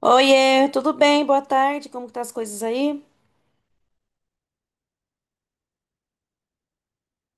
Oiê, tudo bem? Boa tarde. Como que tá as coisas aí?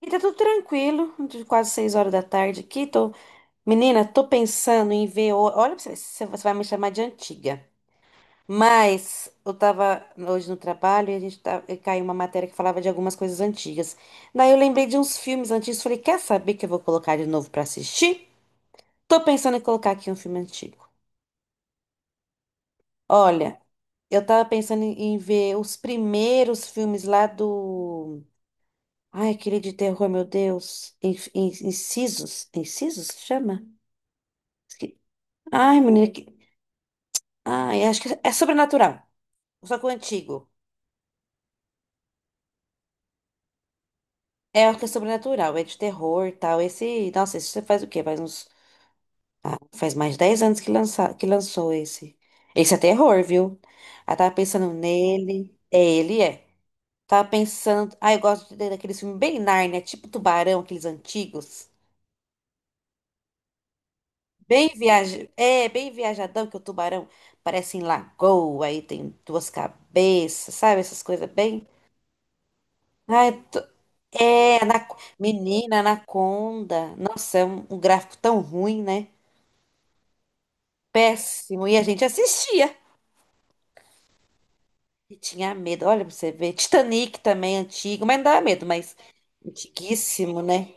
E tá tudo tranquilo, quase 6 horas da tarde aqui. Tô... Menina, tô pensando em ver. Olha, pra você ver se você vai me chamar de antiga. Mas eu tava hoje no trabalho e a gente tá... e caiu uma matéria que falava de algumas coisas antigas. Daí eu lembrei de uns filmes antigos. Falei, quer saber que eu vou colocar de novo pra assistir? Tô pensando em colocar aqui um filme antigo. Olha, eu tava pensando em ver os primeiros filmes lá do. Ai, aquele de terror, meu Deus. Incisos? Incisos se chama? Esque- Ai, menina. Que... Ai, acho que é sobrenatural. Só que o antigo. É o que é sobrenatural, é de terror e tal. Esse. Nossa, esse você faz o quê? Faz uns. Ah, faz mais de 10 anos que, lança... que lançou esse. Esse é terror, viu? Ah, tava pensando nele. É, ele é. Tava pensando. Ah, eu gosto de- daquele filme bem Nárnia, tipo Tubarão, aqueles antigos. Bem viaja... É, bem viajadão que o tubarão parece em lagoa, aí tem duas cabeças, sabe? Essas coisas bem. Ai, é, na... menina, anaconda. Nossa, é um, um gráfico tão ruim, né? Péssimo. E a gente assistia e tinha medo. Olha pra você ver. Titanic também, antigo, mas não dá medo, mas antiguíssimo, né?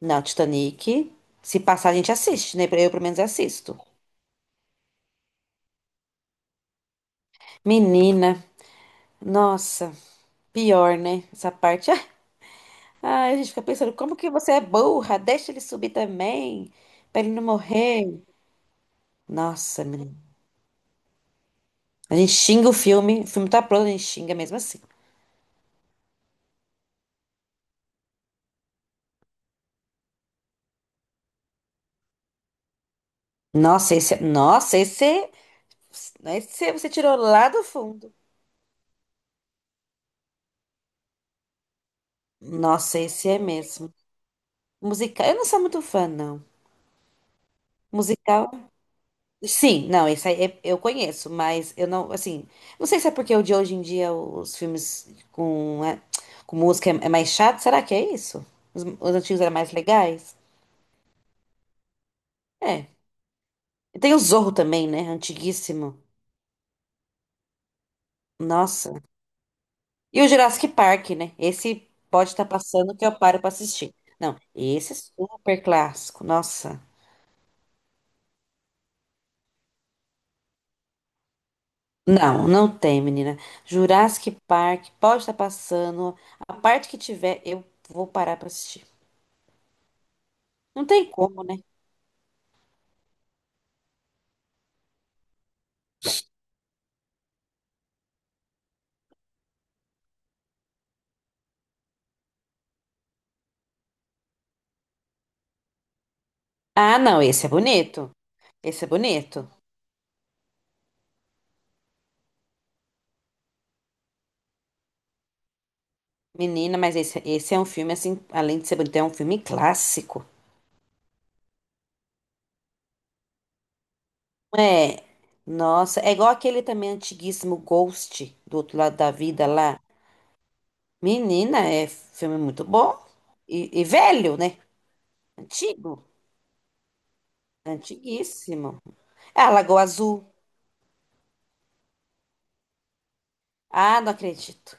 Não, Titanic. Se passar, a gente assiste, né? Eu, pelo menos, assisto. Menina, nossa, pior, né? Essa parte. Ai, a gente fica pensando, como que você é burra? Deixa ele subir também, pra ele não morrer. Nossa, menina. A gente xinga o filme tá pronto, a gente xinga mesmo assim. Nossa, esse, nossa, esse você tirou lá do fundo. Nossa, esse é mesmo. Musical, eu não sou muito fã, não. Musical, sim, não, esse aí eu conheço, mas eu não, assim, não sei se é porque o de hoje em dia os filmes com, com música é mais chato, será que é isso? Os antigos eram mais legais? É. E tem o Zorro também, né? Antiguíssimo. Nossa. E o Jurassic Park, né? Esse pode estar passando que eu paro pra assistir. Não, esse é super clássico. Nossa. Não, não tem, menina. Jurassic Park pode estar passando. A parte que tiver, eu vou parar pra assistir. Não tem como, né? Ah, não, esse é bonito. Esse é bonito. Menina, mas esse é um filme, assim, além de ser bonito, é um filme clássico. É, nossa, é igual aquele também antiguíssimo Ghost do outro lado da vida lá. Menina, é filme muito bom e velho, né? Antigo, antiguíssimo. Ah, Lagoa Azul. Ah, não acredito.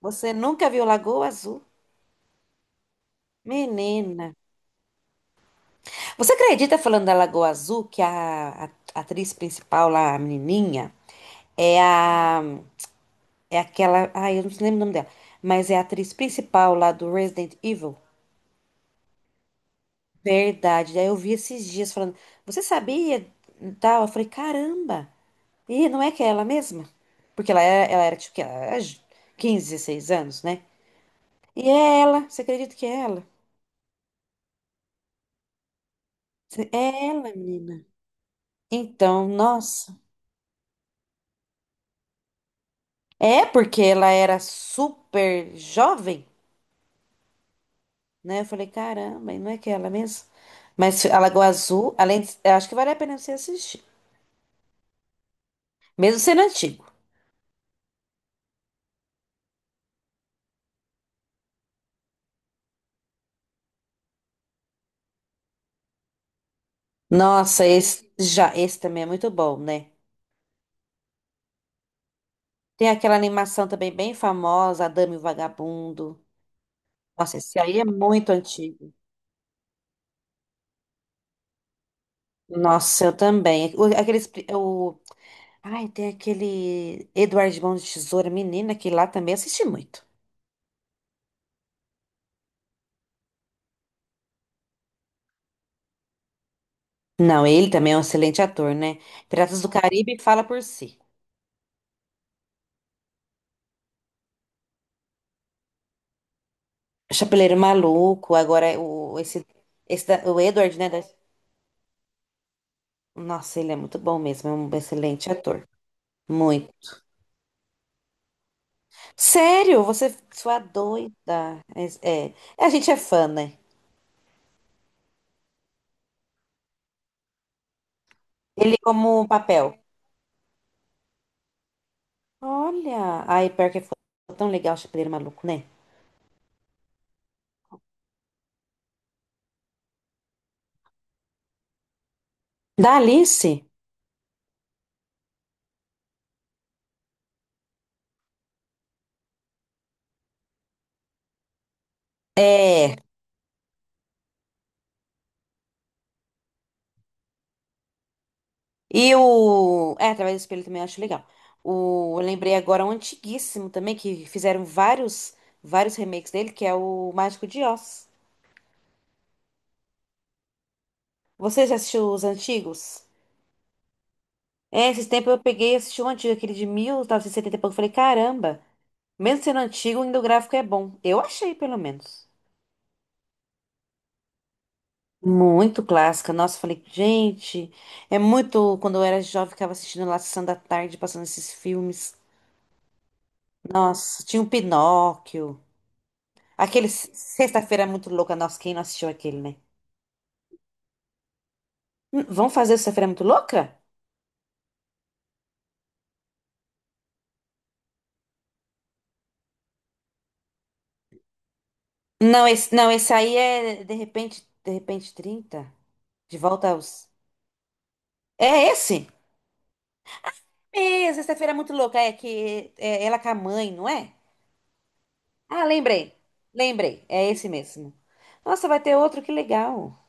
Você nunca viu Lagoa Azul? Menina. Você acredita falando da Lagoa Azul que a atriz principal lá, a menininha, é a é aquela, ai, eu não lembro o nome dela, mas é a atriz principal lá do Resident Evil? Verdade. Daí eu vi esses dias falando, você sabia? Tal. Eu falei, caramba! E não é que é ela mesma? Porque ela era tipo que ela era 15, 16 anos, né? E é ela, você acredita que é ela? É ela, menina. Então, nossa. É porque ela era super jovem, né? Eu falei, caramba, e não é que é ela mesmo? Mas a Lagoa Azul, além de, eu acho que vale a pena você assistir. Mesmo sendo antigo. Nossa, esse já, esse também é muito bom, né? Tem aquela animação também bem famosa, A Dama e o Vagabundo. Nossa, esse aí é muito antigo. Nossa, eu também. Aqueles, o, ai, tem aquele Eduardo de Mão de Tesoura, menina, que lá também assisti muito. Não, ele também é um excelente ator, né? Piratas do Caribe fala por si. Chapeleiro Maluco, agora é o, esse o Edward, né? Nossa, ele é muito bom mesmo, é um excelente ator. Muito. Sério, você, sua doida. É, é, a gente é fã, né? Ele como papel. Olha, ai, pior que foi tão legal o Chapeleiro Maluco, né? Da Alice? É. E o. É, através do espelho também eu acho legal. O... Eu lembrei agora um antiguíssimo também, que fizeram vários, vários remakes dele, que é o Mágico de Oz. Você já assistiu os antigos? É, esses tempos eu peguei e assisti um antigo, aquele de 1970 e setenta e pouco. Falei, caramba, mesmo sendo antigo, ainda o gráfico é bom. Eu achei, pelo menos. Muito clássica. Nossa, eu falei, gente, é muito. Quando eu era jovem, ficava assistindo lá Sessão da Tarde, passando esses filmes. Nossa, tinha o Pinóquio. Aquele Sexta-feira Muito Louca. Nossa, quem não assistiu aquele, né? Vamos fazer o Sexta-feira Muito Louca? Não, esse, não, esse aí é de repente, 30. De volta aos. É esse? É, Sexta-feira Muito Louca. É que é ela com a mãe, não é? Ah, lembrei. Lembrei. É esse mesmo. Nossa, vai ter outro, que legal.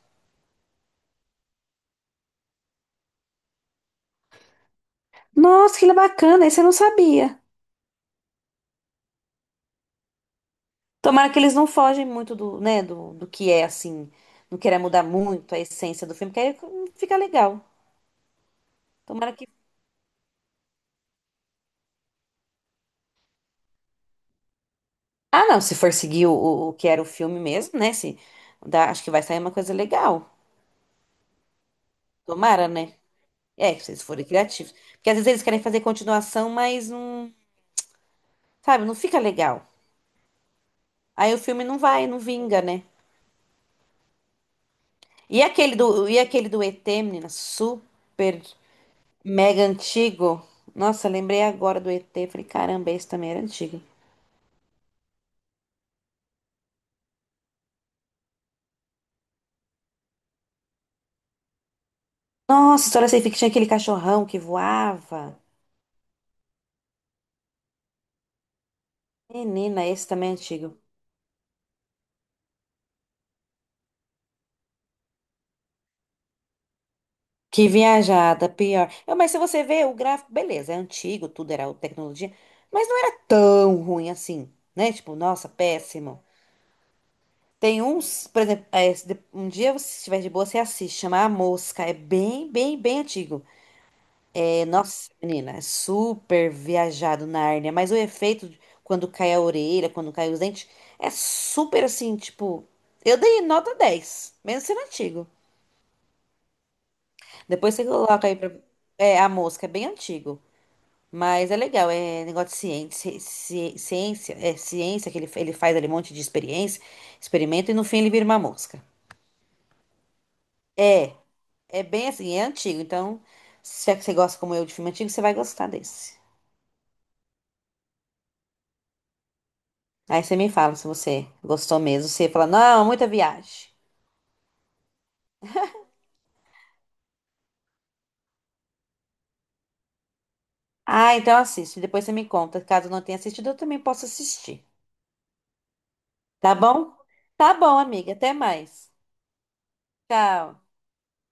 Nossa, que bacana, esse eu não sabia. Tomara que eles não fogem muito do, né, do que é, assim, não queira mudar muito a essência do filme, que aí fica legal. Tomara que... Ah, não, se for seguir o que era o filme mesmo, né, se, acho que vai sair uma coisa legal. Tomara, né? É, se eles forem criativos. Porque às vezes eles querem fazer continuação, mas não, sabe, não fica legal. Aí o filme não vai, não vinga, né? E aquele do, ET, menina, super mega antigo. Nossa, lembrei agora do ET. Falei, caramba, esse também era antigo. Nossa, história sem fim que tinha aquele cachorrão que voava. Menina, esse também é antigo. Que viajada, pior. Eu, mas se você ver o gráfico, beleza, é antigo, tudo era tecnologia, mas não era tão ruim assim, né? Tipo, nossa, péssimo. Tem uns, por exemplo, é, se de- um dia, você estiver de boa, você assiste, chama A Mosca. É bem, bem, bem antigo. É, nossa, menina, é super viajado na hérnia, mas o efeito quando cai a orelha, quando cai os dentes, é super assim, tipo, eu dei nota 10, mesmo sendo antigo. Depois você coloca aí pra, é, a mosca, é bem antigo, mas é legal, é negócio de ciência, ciência, é ciência que ele faz ali um monte de experiência, experimento e no fim ele vira uma mosca. É, é bem assim, é antigo, então se é que você gosta como eu de filme antigo, você vai gostar desse. Aí você me fala se você gostou mesmo. Você fala, não, muita viagem. Ah, então assiste. Depois você me conta. Caso não tenha assistido, eu também posso assistir. Tá bom? Tá bom, amiga. Até mais. Tchau.